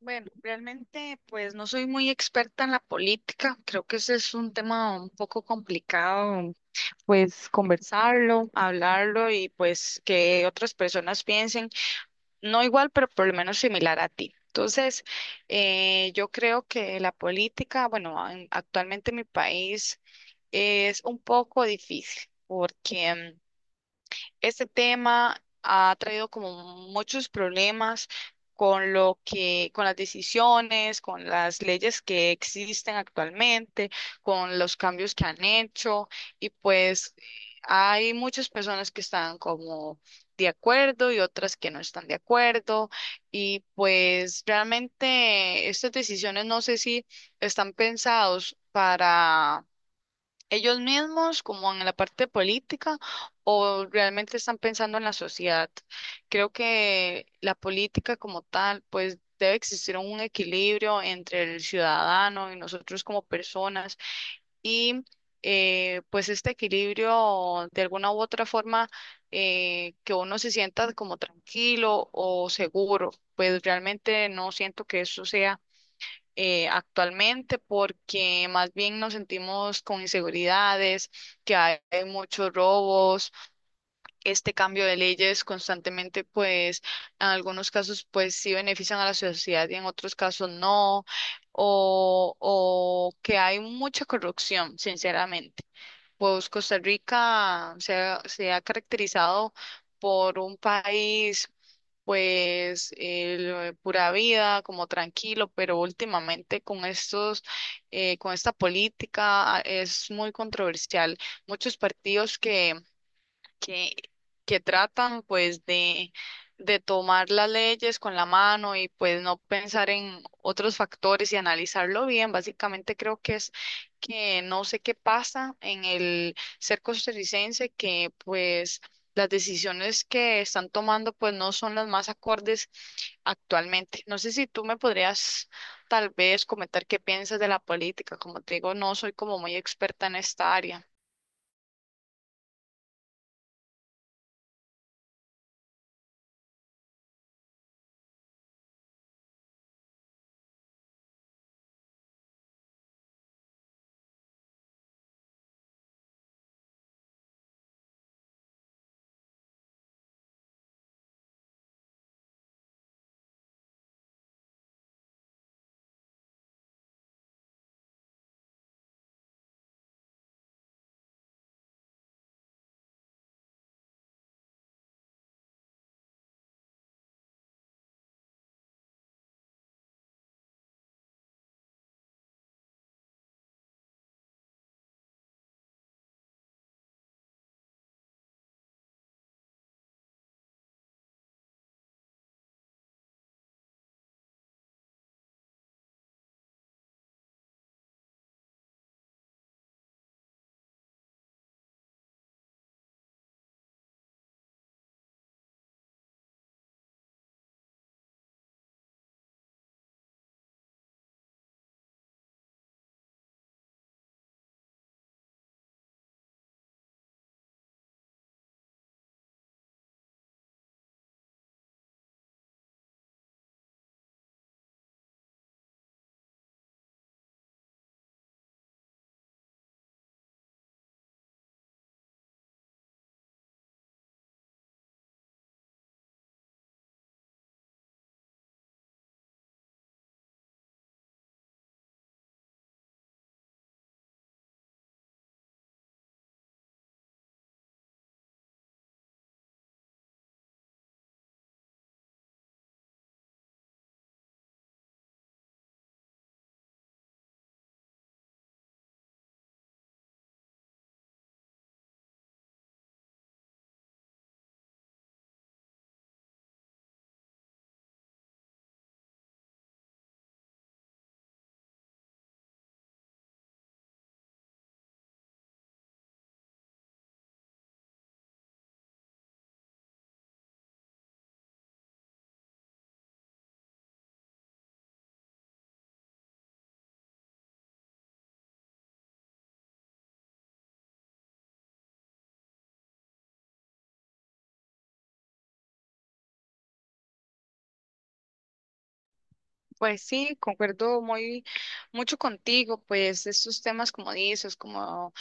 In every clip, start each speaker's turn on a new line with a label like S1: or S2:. S1: Bueno, realmente pues no soy muy experta en la política, creo que ese es un tema un poco complicado, pues conversarlo, hablarlo y pues que otras personas piensen, no igual, pero por lo menos similar a ti. Entonces, yo creo que la política, bueno, actualmente en mi país es un poco difícil porque este tema ha traído como muchos problemas con lo que, con las decisiones, con las leyes que existen actualmente, con los cambios que han hecho y pues hay muchas personas que están como de acuerdo y otras que no están de acuerdo y pues realmente estas decisiones no sé si están pensados para ellos mismos, como en la parte política, o realmente están pensando en la sociedad. Creo que la política como tal, pues debe existir un equilibrio entre el ciudadano y nosotros como personas. Y pues este equilibrio, de alguna u otra forma, que uno se sienta como tranquilo o seguro. Pues realmente no siento que eso sea actualmente, porque más bien nos sentimos con inseguridades, que hay muchos robos, este cambio de leyes constantemente, pues en algunos casos pues sí benefician a la sociedad y en otros casos no, o que hay mucha corrupción, sinceramente. Pues Costa Rica se ha caracterizado por un país, pues, pura vida, como tranquilo, pero últimamente con estos, con esta política es muy controversial. Muchos partidos que, que tratan pues de tomar las leyes con la mano y pues no pensar en otros factores y analizarlo bien. Básicamente creo que es que no sé qué pasa en el ser costarricense, que pues las decisiones que están tomando pues no son las más acordes actualmente. No sé si tú me podrías tal vez comentar qué piensas de la política. Como te digo, no soy como muy experta en esta área. Pues sí, concuerdo muy mucho contigo, pues estos temas como dices, como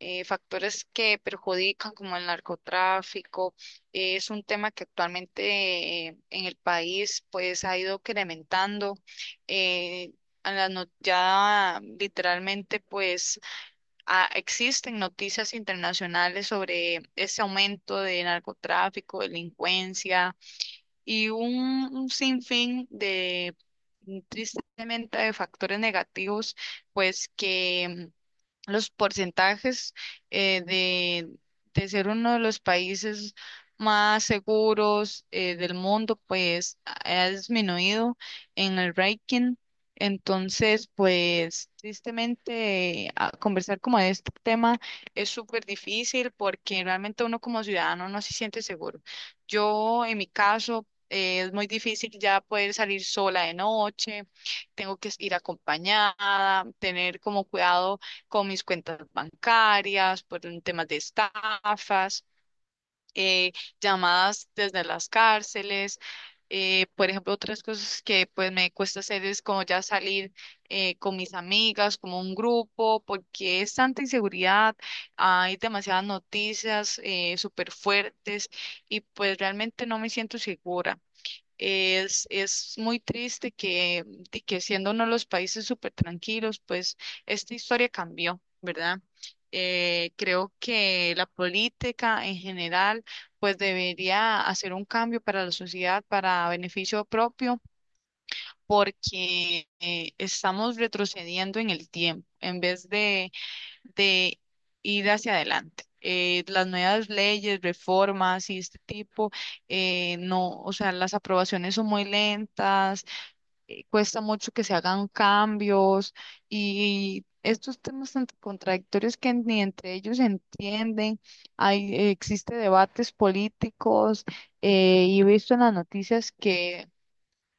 S1: factores que perjudican como el narcotráfico, es un tema que actualmente, en el país pues ha ido incrementando. Eh, a la no- Ya literalmente pues existen noticias internacionales sobre ese aumento de narcotráfico, delincuencia y un sinfín de, tristemente, de factores negativos, pues que los porcentajes eh, de, de ser uno de los países más seguros del mundo, pues ha disminuido en el ranking. Entonces, pues tristemente, conversar como de este tema es súper difícil porque realmente uno como ciudadano no se siente seguro. Yo, en mi caso, es muy difícil ya poder salir sola de noche, tengo que ir acompañada, tener como cuidado con mis cuentas bancarias, por un tema de estafas, eh, llamadas desde las cárceles. Por ejemplo, otras cosas que pues me cuesta hacer es como ya salir con mis amigas, como un grupo, porque es tanta inseguridad, hay demasiadas noticias súper fuertes y pues realmente no me siento segura. Es muy triste que, de que siendo uno de los países súper tranquilos, pues esta historia cambió, ¿verdad? Creo que la política en general, pues debería hacer un cambio para la sociedad, para beneficio propio, porque estamos retrocediendo en el tiempo. En vez de ir hacia adelante. Las nuevas leyes, reformas y este tipo, no, o sea, las aprobaciones son muy lentas, cuesta mucho que se hagan cambios y estos temas tan contradictorios que ni entre ellos se entienden, hay, existe debates políticos y he visto en las noticias que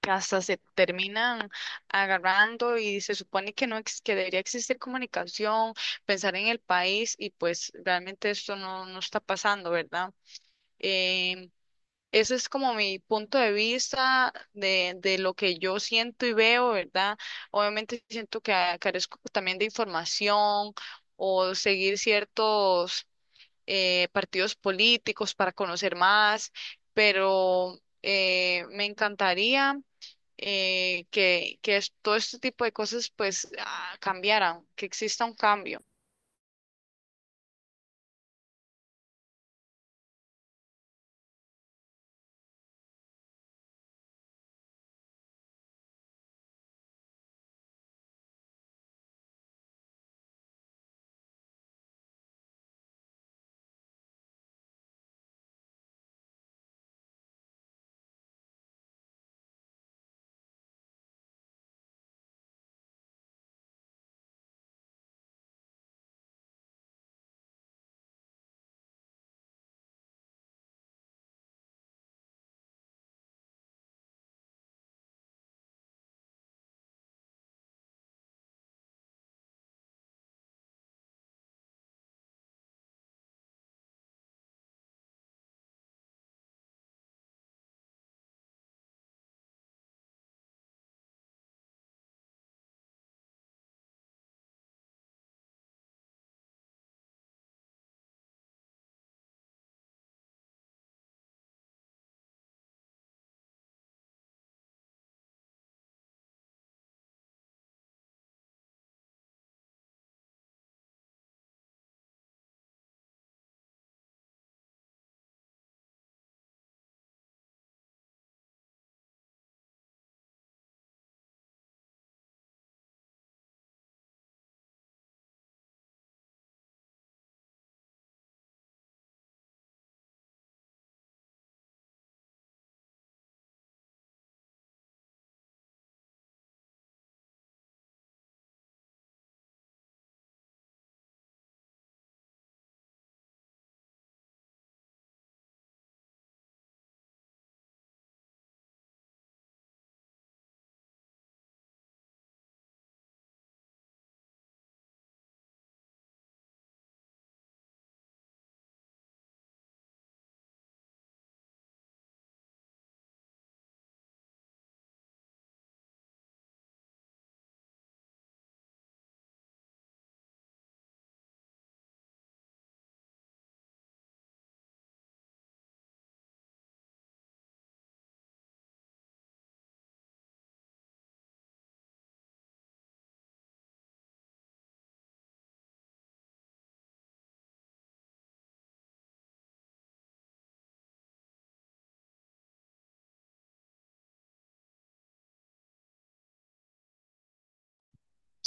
S1: que hasta se terminan agarrando y se supone que no ex- que debería existir comunicación, pensar en el país y pues realmente esto no, no está pasando, ¿verdad? Em, Ese es como mi punto de vista de lo que yo siento y veo, ¿verdad? Obviamente siento que carezco también de información o seguir ciertos partidos políticos para conocer más, pero me encantaría todo este tipo de cosas pues cambiaran, que exista un cambio.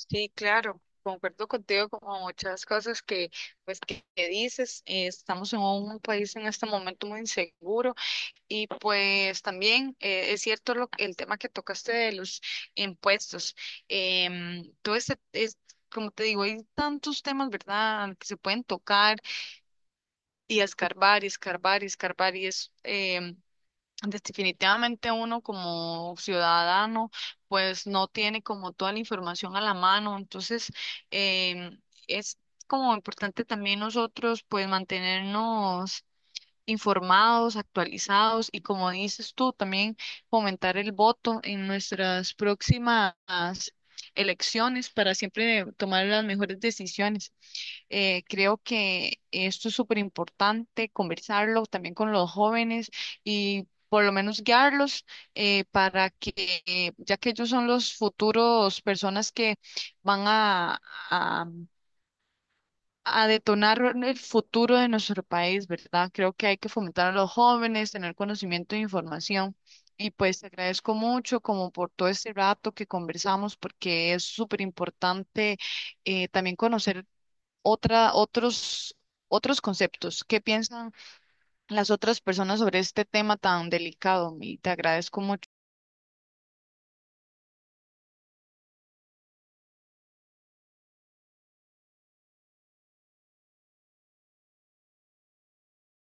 S1: Sí, claro, concuerdo contigo como muchas cosas que que dices. Estamos en un país en este momento muy inseguro y pues también, es cierto el tema que tocaste de los impuestos. Todo este es, como te digo, hay tantos temas, ¿verdad?, que se pueden tocar y escarbar y escarbar y escarbar y es pues, definitivamente uno como ciudadano pues no tiene como toda la información a la mano, entonces em, es como importante también nosotros pues mantenernos informados, actualizados y como dices tú, también fomentar el voto en nuestras próximas elecciones para siempre tomar las mejores decisiones. Creo que esto es súper importante, conversarlo también con los jóvenes y por lo menos guiarlos, para que, ya que ellos son los futuros personas que van a detonar el futuro de nuestro país, ¿verdad? Creo que hay que fomentar a los jóvenes, tener conocimiento e información. Y pues te agradezco mucho como por todo este rato que conversamos, porque es súper importante, también conocer otra, otros, otros conceptos. ¿Qué piensan las otras personas sobre este tema tan delicado? Y te agradezco mucho.